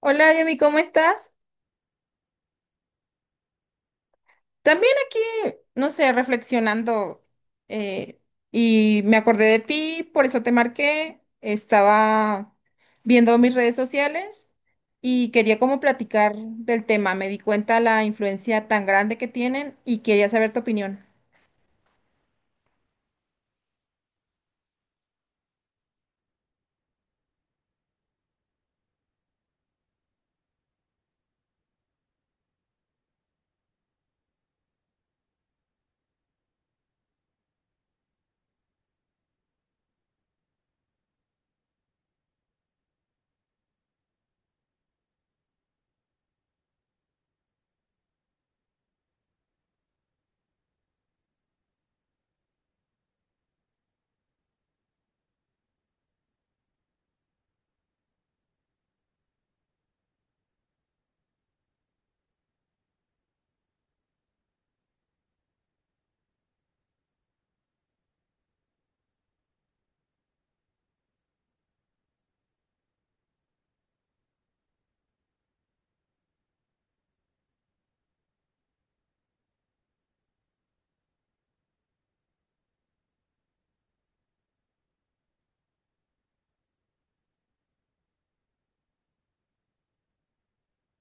Hola, Yami, ¿cómo estás? También aquí, no sé, reflexionando eh, y me acordé de ti, por eso te marqué. Estaba viendo mis redes sociales y quería como platicar del tema. Me di cuenta la influencia tan grande que tienen y quería saber tu opinión.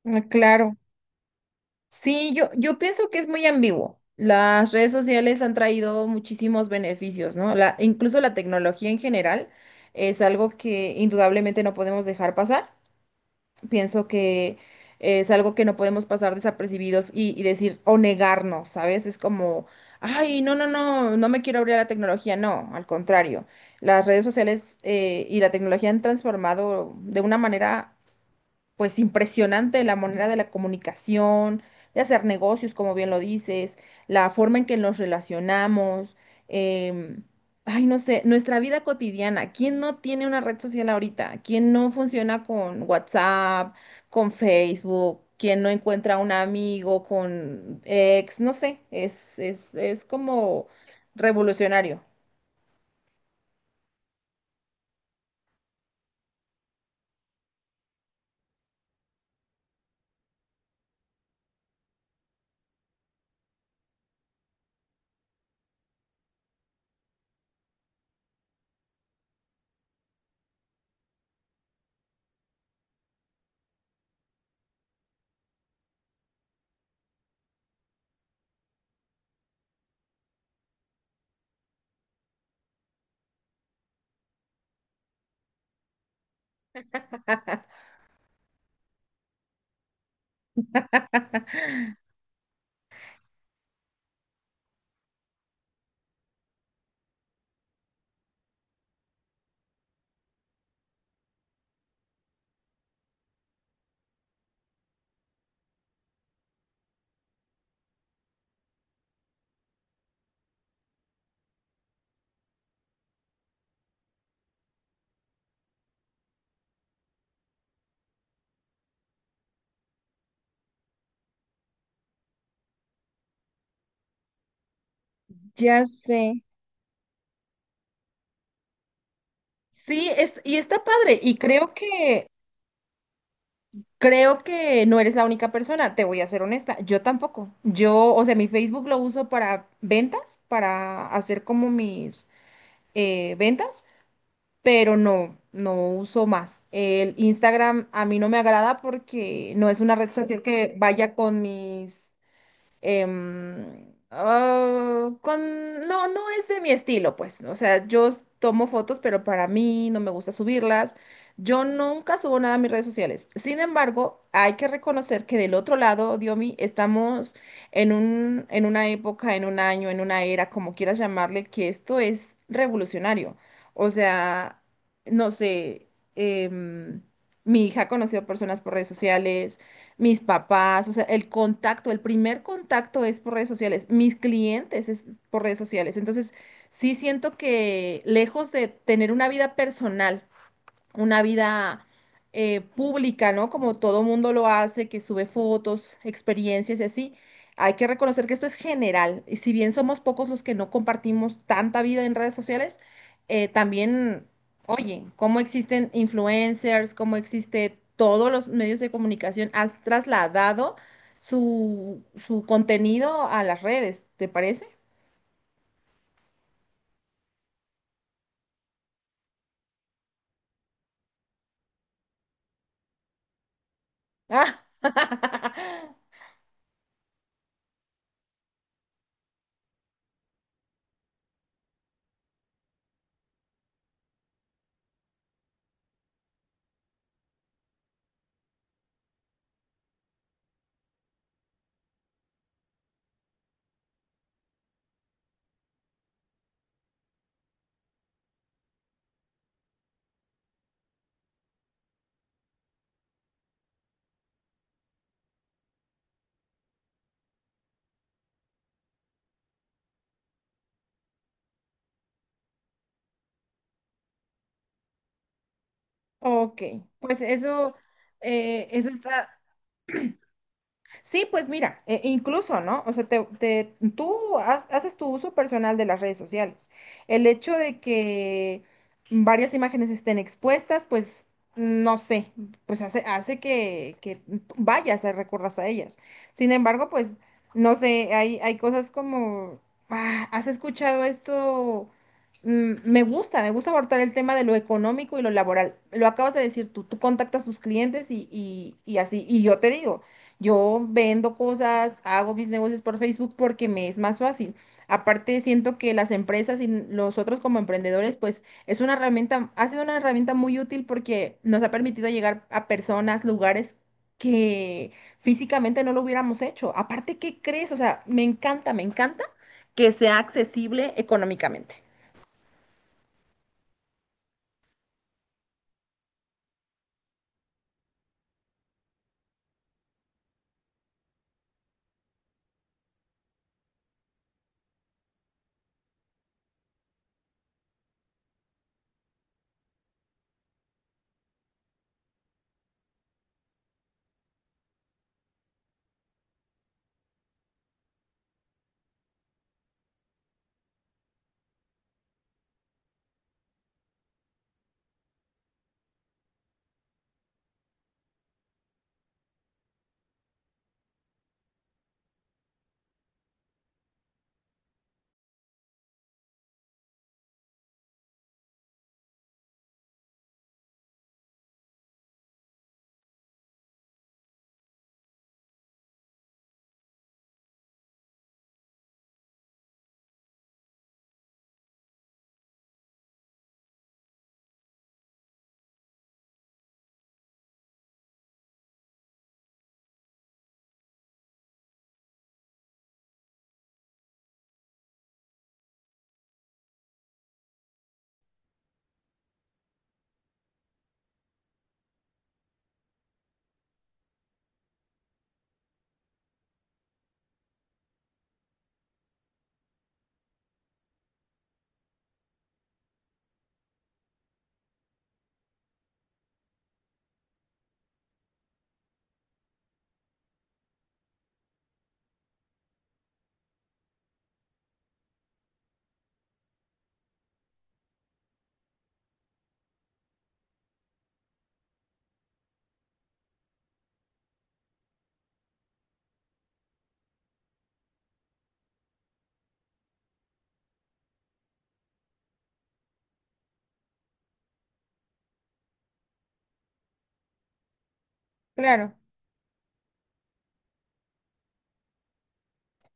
Ah, claro. Sí, yo pienso que es muy ambiguo. Las redes sociales han traído muchísimos beneficios, ¿no? Incluso la tecnología en general es algo que indudablemente no podemos dejar pasar. Pienso que es algo que no podemos pasar desapercibidos y decir o negarnos, ¿sabes? Es como, ay, no, no, no, no me quiero abrir a la tecnología. No, al contrario. Las redes sociales y la tecnología han transformado de una manera pues impresionante la manera de la comunicación, de hacer negocios, como bien lo dices, la forma en que nos relacionamos, em, ay, no sé, nuestra vida cotidiana. ¿Quién no tiene una red social ahorita? ¿Quién no funciona con WhatsApp, con Facebook? ¿Quién no encuentra un amigo con ex? No sé, es como revolucionario. Ya sé. Sí, es, y está padre, y creo que no eres la única persona, te voy a ser honesta, yo tampoco. Yo, o sea, mi Facebook lo uso para ventas, para hacer como mis ventas, pero no uso más. El Instagram a mí no me agrada porque no es una red social que vaya con mis no, no es de mi estilo, pues. O sea, yo tomo fotos, pero para mí no me gusta subirlas. Yo nunca subo nada a mis redes sociales. Sin embargo, hay que reconocer que del otro lado, Diomi, estamos en un, en una época, en un año, en una era, como quieras llamarle, que esto es revolucionario. O sea, no sé, em, mi hija ha conocido personas por redes sociales, mis papás, o sea, el contacto, el primer contacto es por redes sociales, mis clientes es por redes sociales. Entonces, sí siento que lejos de tener una vida personal, una vida pública, ¿no? Como todo mundo lo hace, que sube fotos, experiencias y así. Hay que reconocer que esto es general. Y si bien somos pocos los que no compartimos tanta vida en redes sociales, también, oye, cómo existen influencers, cómo existe todos los medios de comunicación, has trasladado su contenido a las redes, ¿te parece? Ah, ok, pues eso, eso está. Sí, pues mira, incluso, ¿no? O sea, tú haces tu uso personal de las redes sociales. El hecho de que varias imágenes estén expuestas, pues no sé, pues hace que vayas a recurras a ellas. Sin embargo, pues no sé, hay cosas como, "Ah, ¿has escuchado esto? Mm, me gusta, me gusta abordar el tema de lo económico y lo laboral. Lo acabas de decir tú, tú contactas a sus clientes y así, y yo te digo. Yo vendo cosas, hago mis negocios por Facebook porque me es más fácil. Aparte, siento que las empresas y nosotros como emprendedores, pues es una herramienta, ha sido una herramienta muy útil porque nos ha permitido llegar a personas, lugares que físicamente no lo hubiéramos hecho. Aparte, ¿qué crees? O sea, me encanta que sea accesible económicamente. Claro.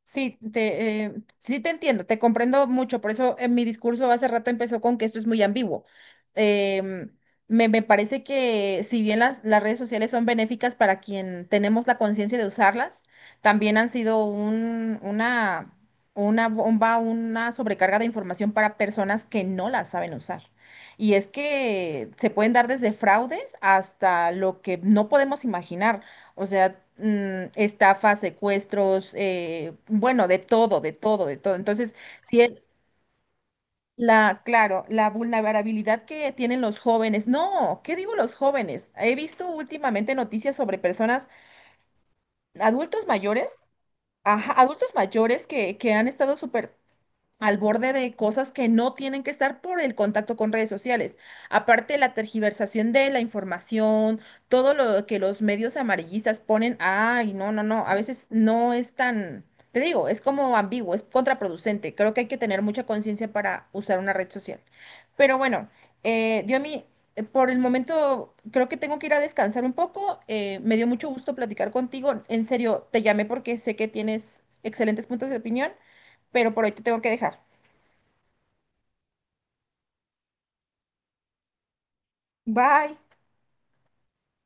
Sí, sí te entiendo, te comprendo mucho, por eso en mi discurso hace rato empezó con que esto es muy ambiguo. Em, Me parece que si bien las redes sociales son benéficas para quien tenemos la conciencia de usarlas, también han sido una bomba, una sobrecarga de información para personas que no las saben usar. Y es que se pueden dar desde fraudes hasta lo que no podemos imaginar. O sea, mm, estafas, secuestros, bueno, de todo, de todo, de todo. Entonces, si es claro, la vulnerabilidad que tienen los jóvenes, no, ¿qué digo los jóvenes? He visto últimamente noticias sobre personas, adultos mayores, ajá, adultos mayores que han estado súper al borde de cosas que no tienen que estar por el contacto con redes sociales. Aparte, la tergiversación de la información, todo lo que los medios amarillistas ponen, ay, no, no, no, a veces no es tan, te digo, es como ambiguo, es contraproducente. Creo que hay que tener mucha conciencia para usar una red social. Pero bueno, Diomi, por el momento creo que tengo que ir a descansar un poco. Me dio mucho gusto platicar contigo. En serio, te llamé porque sé que tienes excelentes puntos de opinión, pero por hoy te tengo que dejar. Bye.